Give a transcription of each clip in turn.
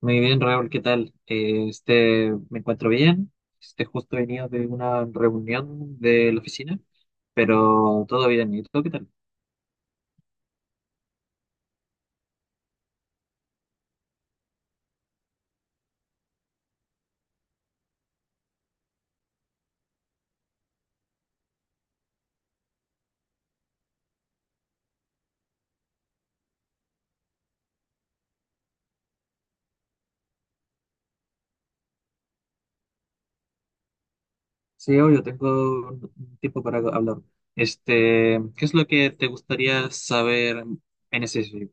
Muy bien, Raúl, ¿qué tal? Me encuentro bien. Este, justo he venido de una reunión de la oficina, pero todo bien. ¿Y tú qué tal? Sí, obvio, tengo un tiempo para hablar. Este, ¿qué es lo que te gustaría saber en ese sitio?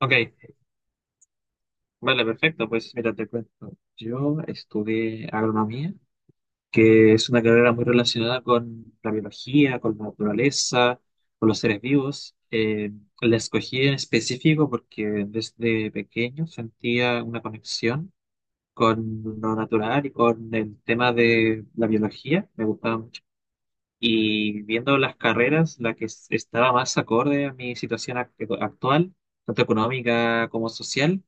Ok, vale, perfecto. Pues mira, te cuento. Yo estudié agronomía, que es una carrera muy relacionada con la biología, con la naturaleza, con los seres vivos. La escogí en específico porque desde pequeño sentía una conexión con lo natural, y con el tema de la biología, me gustaba mucho. Y viendo las carreras, la que estaba más acorde a mi situación actual, tanto económica como social,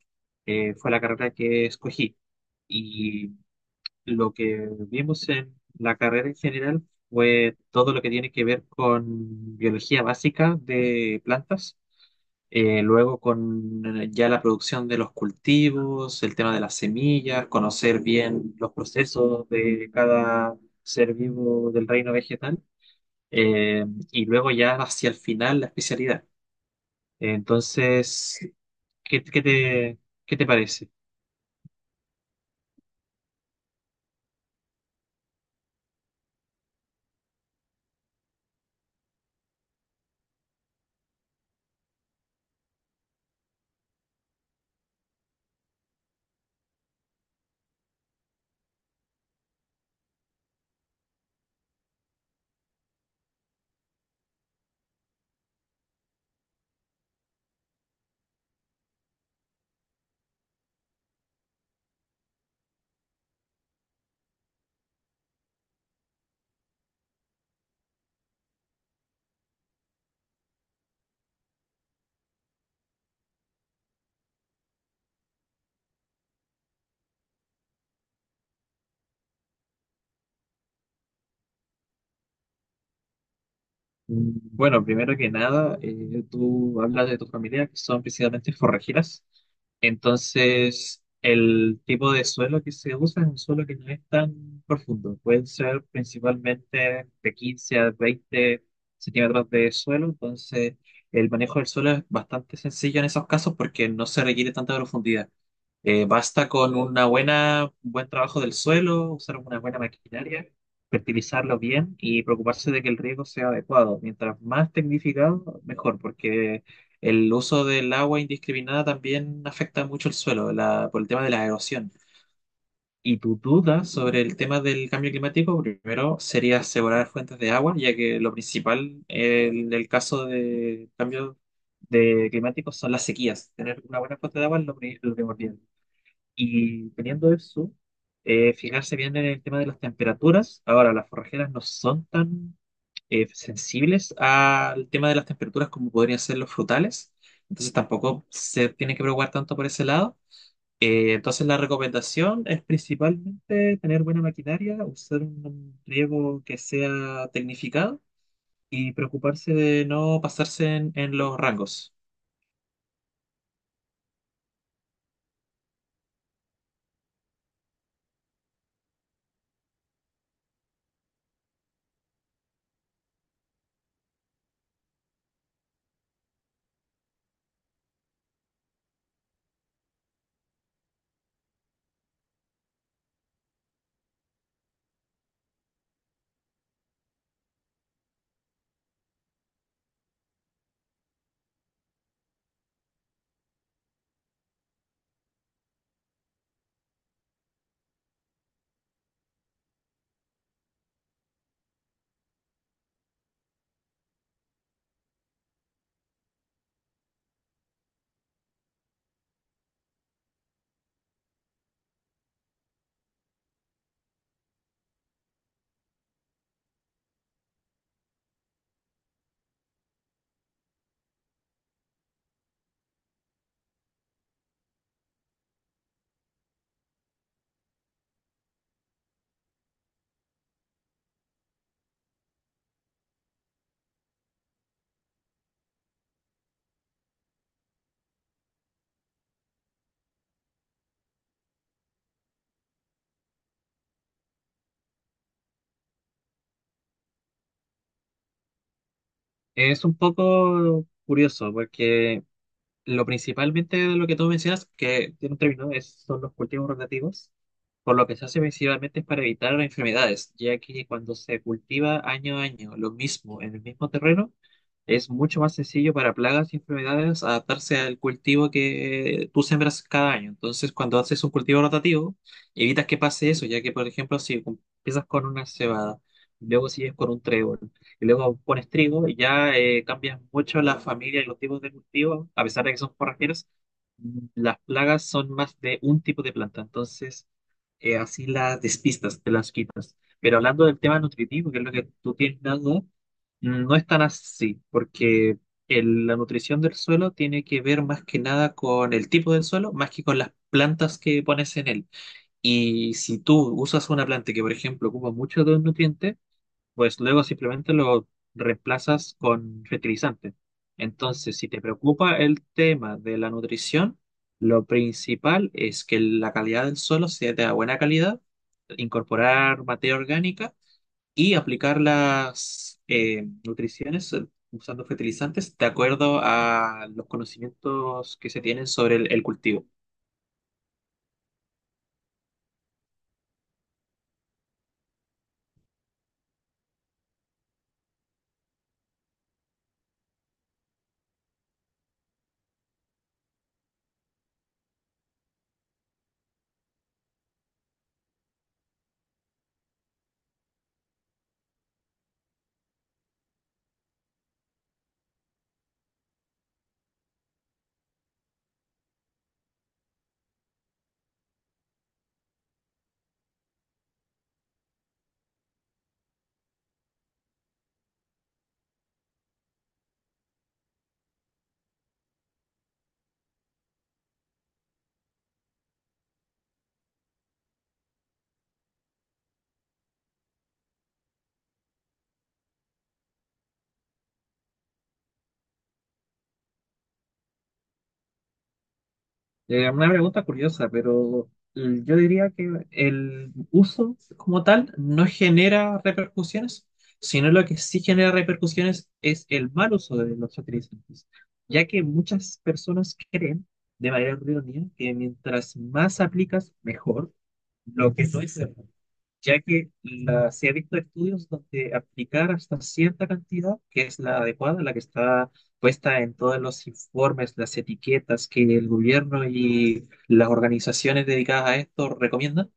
fue la carrera que escogí. Lo que vimos en la carrera en general fue todo lo que tiene que ver con biología básica de plantas, luego con ya la producción de los cultivos, el tema de las semillas, conocer bien los procesos de cada ser vivo del reino vegetal, eh, y luego ya hacia el final la especialidad. Entonces, ¿qué, qué te, ¿qué te parece? Mm, bueno, primero que nada, tú hablas de tu familia, que son principalmente forrajeras. Entonces, el tipo de suelo que se usa es un suelo que no es tan profundo. Pueden ser principalmente de 15 a 20 centímetros de suelo. Entonces, el manejo del suelo es bastante sencillo en esos casos porque no se requiere tanta profundidad. Basta con un buen trabajo del suelo, usar una buena maquinaria, fertilizarlo bien y preocuparse de que el riego sea adecuado. Mientras más tecnificado, mejor, porque el uso del agua indiscriminada también afecta mucho el suelo por el tema de la erosión. Y tu duda sobre el tema del cambio climático, primero sería asegurar fuentes de agua, ya que lo principal, en el caso de cambio de climático, son las sequías. Tener una buena fuente de agua es lo primordial. Y teniendo eso, fijarse bien en el tema de las temperaturas. Ahora, las forrajeras no son tan sensibles al tema de las temperaturas como podrían ser los frutales, entonces tampoco se tiene que preocupar tanto por ese lado. Entonces la recomendación es principalmente tener buena maquinaria, usar un riego que sea tecnificado y preocuparse de no pasarse en los rangos. Es un poco curioso porque lo principalmente de lo que tú mencionas, que tiene un término, es, son los cultivos rotativos, por lo que se hace principalmente es para evitar enfermedades, ya que cuando se cultiva año a año lo mismo en el mismo terreno, es mucho más sencillo para plagas y enfermedades adaptarse al cultivo que tú sembras cada año. Entonces, cuando haces un cultivo rotativo, evitas que pase eso, ya que, por ejemplo, si empiezas con una cebada, luego sigues con un trébol, y luego pones trigo, y ya cambias mucho la familia y los tipos de cultivo, a pesar de que son forrajeros, las plagas son más de un tipo de planta. Entonces, así las despistas, te las quitas. Pero hablando del tema nutritivo, que es lo que tú tienes dado, no es tan así, porque la nutrición del suelo tiene que ver más que nada con el tipo del suelo, más que con las plantas que pones en él. Y si tú usas una planta que, por ejemplo, ocupa mucho de un nutriente, pues luego simplemente lo reemplazas con fertilizante. Entonces, si te preocupa el tema de la nutrición, lo principal es que la calidad del suelo sea de buena calidad, incorporar materia orgánica y aplicar las nutriciones usando fertilizantes de acuerdo a los conocimientos que se tienen sobre el cultivo. Una pregunta curiosa, pero mm, yo diría que el uso como tal no genera repercusiones, sino lo que sí genera repercusiones es el mal uso de los fertilizantes, ya que muchas personas creen de manera errónea que mientras más aplicas, mejor. Lo que no es cierto. Ya que se ha visto estudios donde aplicar hasta cierta cantidad, que es la adecuada, la que está puesta en todos los informes, las etiquetas que el gobierno y las organizaciones dedicadas a esto recomiendan,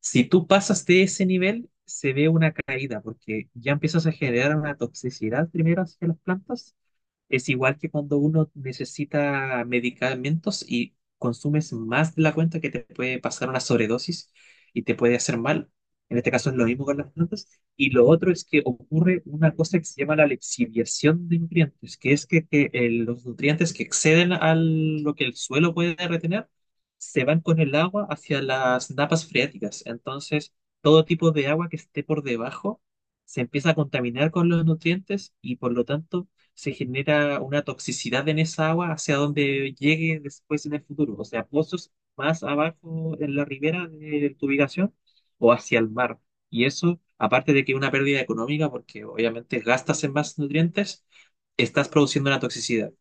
si tú pasas de ese nivel, se ve una caída, porque ya empiezas a generar una toxicidad primero hacia las plantas. Es igual que cuando uno necesita medicamentos y consumes más de la cuenta, que te puede pasar una sobredosis y te puede hacer mal. En este caso es lo mismo con las plantas. Y lo otro es que ocurre una cosa que se llama la lixiviación de nutrientes, que es que, los nutrientes que exceden a lo que el suelo puede retener se van con el agua hacia las napas freáticas. Entonces, todo tipo de agua que esté por debajo se empieza a contaminar con los nutrientes, y por lo tanto se genera una toxicidad en esa agua hacia donde llegue después en el futuro, o sea, pozos más abajo en la ribera de tu ubicación o hacia el mar. Y eso, aparte de que una pérdida económica, porque obviamente gastas en más nutrientes, estás produciendo una toxicidad.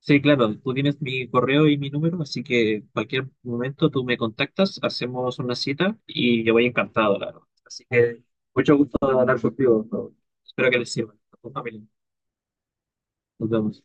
Sí, claro, tú tienes mi correo y mi número, así que cualquier momento tú me contactas, hacemos una cita y yo voy encantado, claro. Así que mucho gusto de hablar contigo, Raúl. Espero que les sirva a tu familia. Nos vemos.